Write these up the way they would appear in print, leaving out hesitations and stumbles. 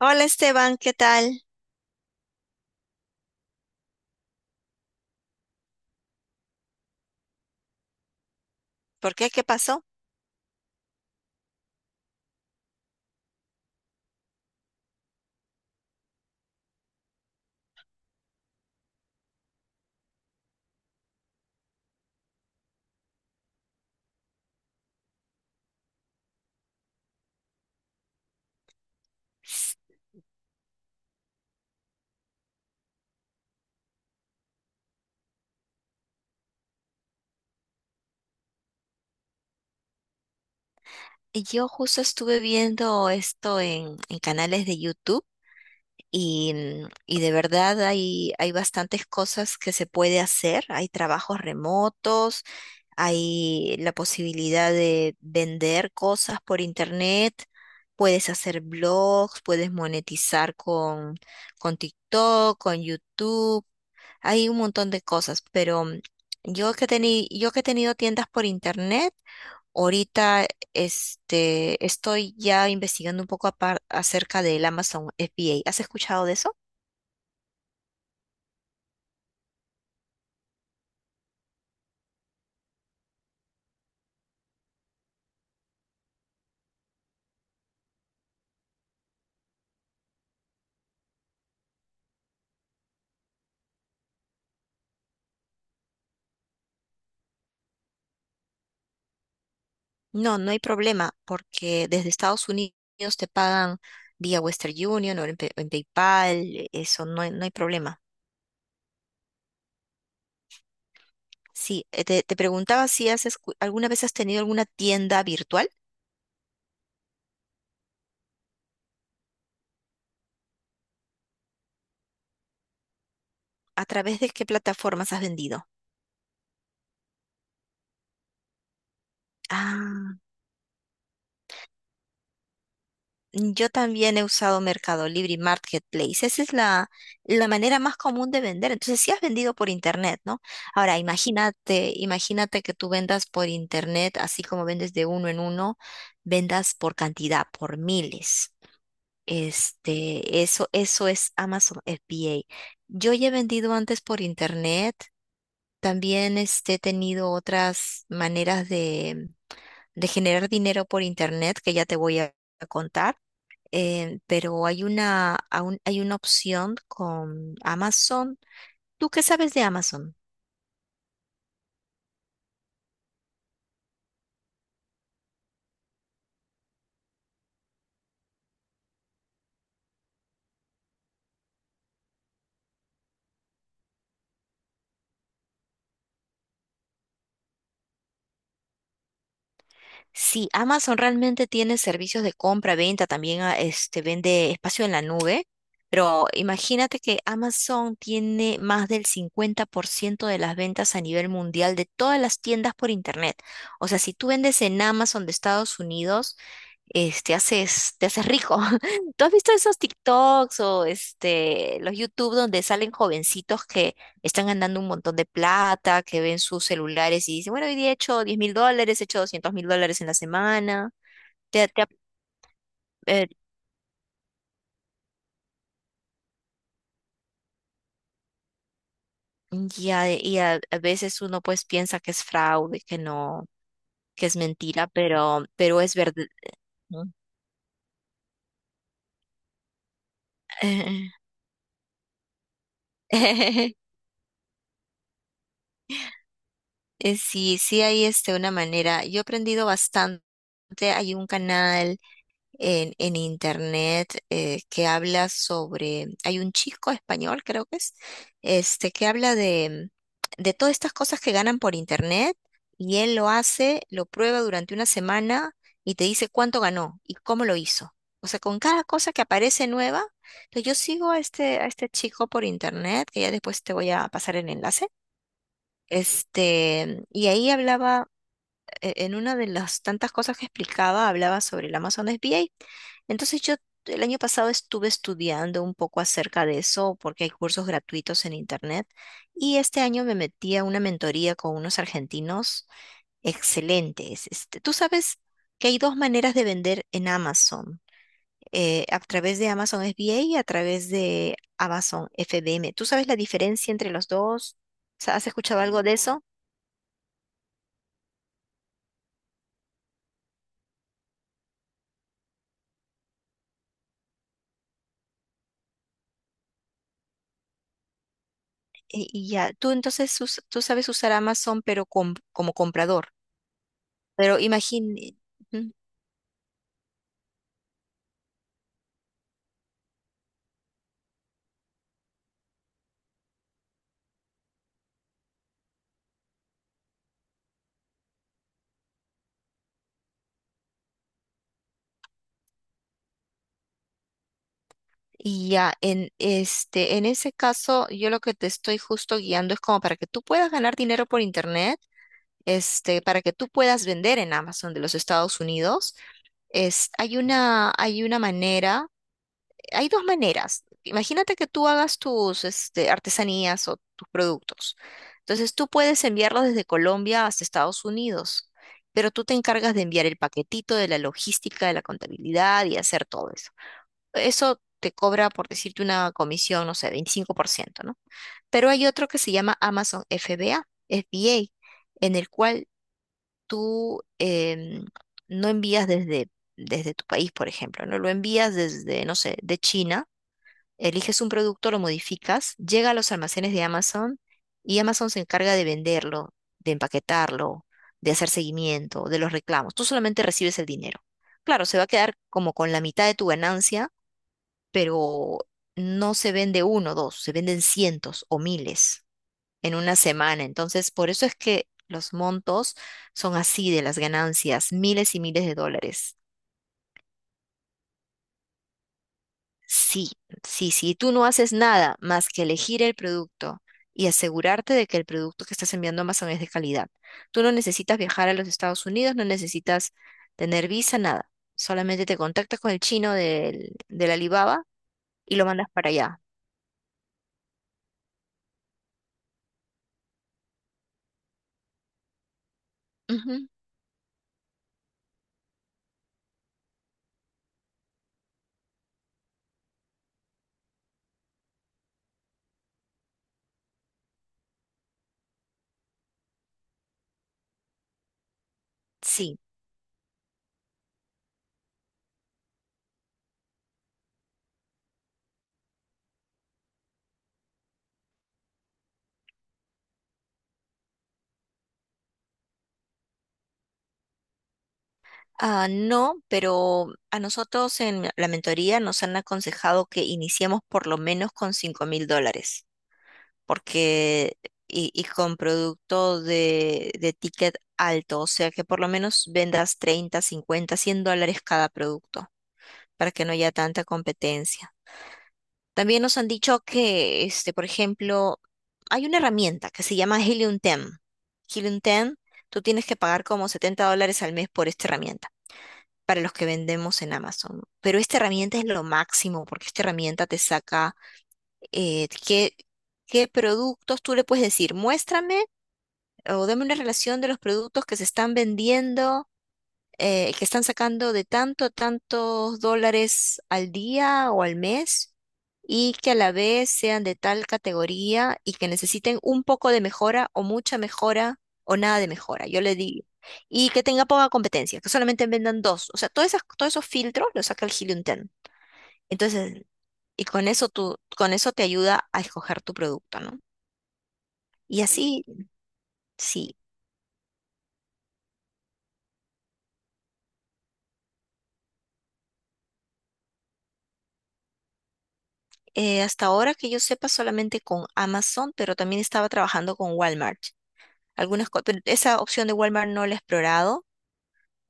Hola Esteban, ¿qué tal? ¿Por qué? ¿Qué pasó? S- Yo justo estuve viendo esto en canales de YouTube y de verdad hay bastantes cosas que se puede hacer. Hay trabajos remotos, hay la posibilidad de vender cosas por internet, puedes hacer blogs, puedes monetizar con TikTok, con YouTube. Hay un montón de cosas, pero yo que he tenido tiendas por internet, ahorita este, estoy ya investigando un poco acerca del Amazon FBA. ¿Has escuchado de eso? No, no hay problema, porque desde Estados Unidos te pagan vía Western Union o en PayPal, eso no hay problema. Sí, te preguntaba si has alguna vez has tenido alguna tienda virtual. ¿A través de qué plataformas has vendido? Ah. Yo también he usado Mercado Libre y Marketplace. Esa es la manera más común de vender. Entonces, si has vendido por internet, ¿no? Ahora, imagínate, imagínate que tú vendas por internet, así como vendes de uno en uno, vendas por cantidad, por miles. Este, eso es Amazon FBA. Yo ya he vendido antes por internet. También este, he tenido otras maneras de generar dinero por internet que ya te voy a contar, pero hay aún hay una opción con Amazon. ¿Tú qué sabes de Amazon? Sí, Amazon realmente tiene servicios de compra, venta, también este, vende espacio en la nube, pero imagínate que Amazon tiene más del 50% de las ventas a nivel mundial de todas las tiendas por internet. O sea, si tú vendes en Amazon de Estados Unidos, este, te haces rico. ¿Tú has visto esos TikToks o este, los YouTube donde salen jovencitos que están ganando un montón de plata, que ven sus celulares y dicen, bueno, hoy día he hecho $10,000, he hecho $200,000 en la semana? Te- te- eh, a veces uno pues piensa que es fraude, que no, que es mentira, pero es verdad. ¿No? Sí, sí hay este, una manera. Yo he aprendido bastante. Hay un canal en internet que habla hay un chico español, creo que es, este, que habla de todas estas cosas que ganan por internet, y él lo hace, lo prueba durante una semana y te dice cuánto ganó y cómo lo hizo. O sea, con cada cosa que aparece nueva, entonces yo sigo a este chico por internet, que ya después te voy a pasar el enlace. Este, y ahí hablaba en una de las tantas cosas que explicaba, hablaba sobre el Amazon SBA. Entonces yo el año pasado estuve estudiando un poco acerca de eso porque hay cursos gratuitos en internet y este año me metí a una mentoría con unos argentinos excelentes. Este, tú sabes que hay dos maneras de vender en Amazon, a través de Amazon SBA y a través de Amazon FBM. ¿Tú sabes la diferencia entre los dos? O sea, ¿has escuchado algo de eso? Y ya, tú entonces tú sabes usar Amazon, pero como comprador. Pero imagine, ujú, y ya, en ese caso, yo lo que te estoy justo guiando es como para que tú puedas ganar dinero por internet, este, para que tú puedas vender en Amazon de los Estados Unidos. Hay una manera. Hay dos maneras. Imagínate que tú hagas tus este, artesanías o tus productos. Entonces tú puedes enviarlos desde Colombia hasta Estados Unidos, pero tú te encargas de enviar el paquetito, de la logística, de la contabilidad y hacer todo eso. Eso te cobra, por decirte, una comisión, no sé, 25%, ¿no? Pero hay otro que se llama Amazon FBA, FBA, en el cual tú no envías desde tu país, por ejemplo, ¿no? Lo envías desde, no sé, de China. Eliges un producto, lo modificas, llega a los almacenes de Amazon y Amazon se encarga de venderlo, de empaquetarlo, de hacer seguimiento, de los reclamos. Tú solamente recibes el dinero. Claro, se va a quedar como con la mitad de tu ganancia, pero no se vende uno o dos, se venden cientos o miles en una semana. Entonces, por eso es que los montos son así de las ganancias, miles y miles de dólares. Sí, sí, sí, tú no haces nada más que elegir el producto y asegurarte de que el producto que estás enviando a Amazon es de calidad. Tú no necesitas viajar a los Estados Unidos, no necesitas tener visa, nada. Solamente te contactas con el chino del Alibaba y lo mandas para allá. Ujú, sí. Ah, no, pero a nosotros en la mentoría nos han aconsejado que iniciemos por lo menos con $5,000, porque y con producto de ticket alto, o sea que por lo menos vendas 30, 50, $100 cada producto para que no haya tanta competencia. También nos han dicho que, este, por ejemplo, hay una herramienta que se llama Helium 10. Helium 10, tú tienes que pagar como $70 al mes por esta herramienta, para los que vendemos en Amazon. Pero esta herramienta es lo máximo, porque esta herramienta te saca, eh, qué, qué productos tú le puedes decir, muéstrame o dame una relación de los productos que se están vendiendo, que están sacando de tanto a tantos dólares al día o al mes y que a la vez sean de tal categoría y que necesiten un poco de mejora o mucha mejora o nada de mejora, yo le digo. Y que tenga poca competencia, que solamente vendan dos. O sea, todos esos filtros los saca el Helium 10. Entonces, y con eso te ayuda a escoger tu producto, ¿no? Y así, sí, hasta ahora que yo sepa solamente con Amazon, pero también estaba trabajando con Walmart. Pero esa opción de Walmart no la he explorado,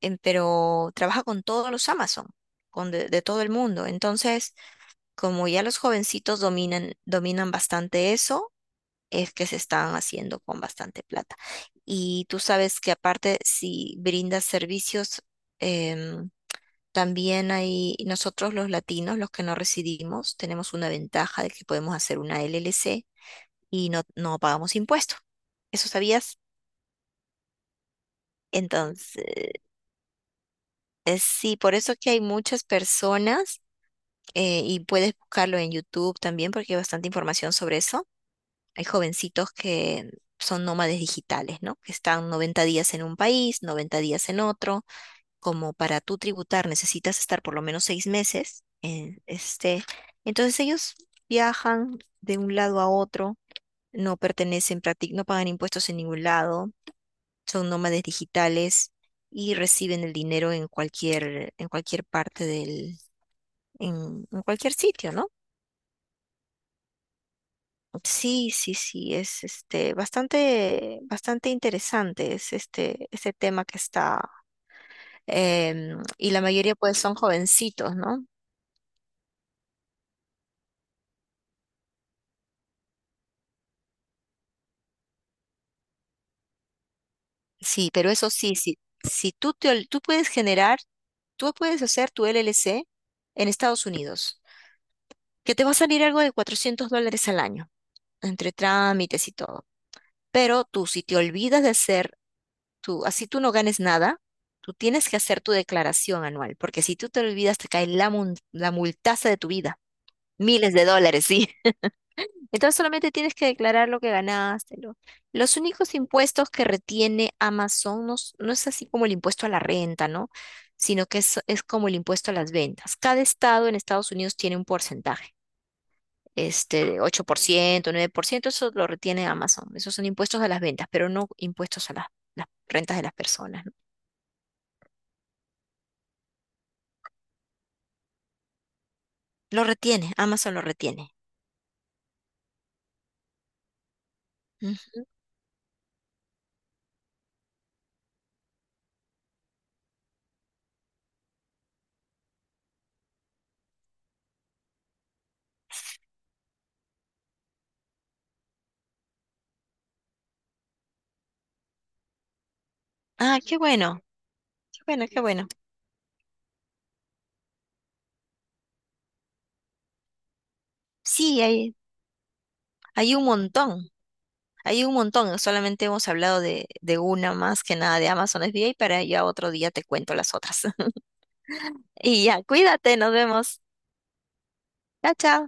pero trabaja con todos los Amazon, con de todo el mundo. Entonces, como ya los jovencitos dominan, dominan bastante eso, es que se están haciendo con bastante plata. Y tú sabes que aparte, si brindas servicios, em, también hay, nosotros los latinos, los que no residimos, tenemos una ventaja de que podemos hacer una LLC y no pagamos impuestos. ¿Eso sabías? Entonces, sí, por eso que hay muchas personas, y puedes buscarlo en YouTube también porque hay bastante información sobre eso. Hay jovencitos que son nómades digitales, ¿no? Que están 90 días en un país, 90 días en otro. Como para tú tributar necesitas estar por lo menos 6 meses en este. Entonces ellos viajan de un lado a otro, no pertenecen prácticamente, no pagan impuestos en ningún lado, son nómades digitales y reciben el dinero en cualquier, en cualquier sitio, ¿no? Sí, sí, sí, es este bastante, bastante interesante es este tema que está, y la mayoría pues son jovencitos, ¿no? Sí, pero eso sí, sí, si tú te ol- tú puedes hacer tu LLC en Estados Unidos, que te va a salir algo de $400 al año, entre trámites y todo. Pero tú, si te olvidas de hacer, tú, así tú no ganes nada, tú tienes que hacer tu declaración anual, porque si tú te olvidas, te cae la multaza de tu vida, miles de dólares, ¿sí? Entonces solamente tienes que declarar lo que ganaste. Los únicos impuestos que retiene Amazon, no es así como el impuesto a la renta, ¿no? Sino que es, como el impuesto a las ventas. Cada estado en Estados Unidos tiene un porcentaje, este, 8%, 9%, eso lo retiene Amazon. Esos son impuestos a las ventas, pero no impuestos a las rentas de las personas, ¿no? Lo retiene, Amazon lo retiene. Mm. Ah, qué bueno, qué bueno, qué bueno. Sí, hay un montón, hay un montón. Solamente hemos hablado de una, más que nada de Amazon FBA, para ya otro día te cuento las otras. Y ya, cuídate, nos vemos. Chao, chao.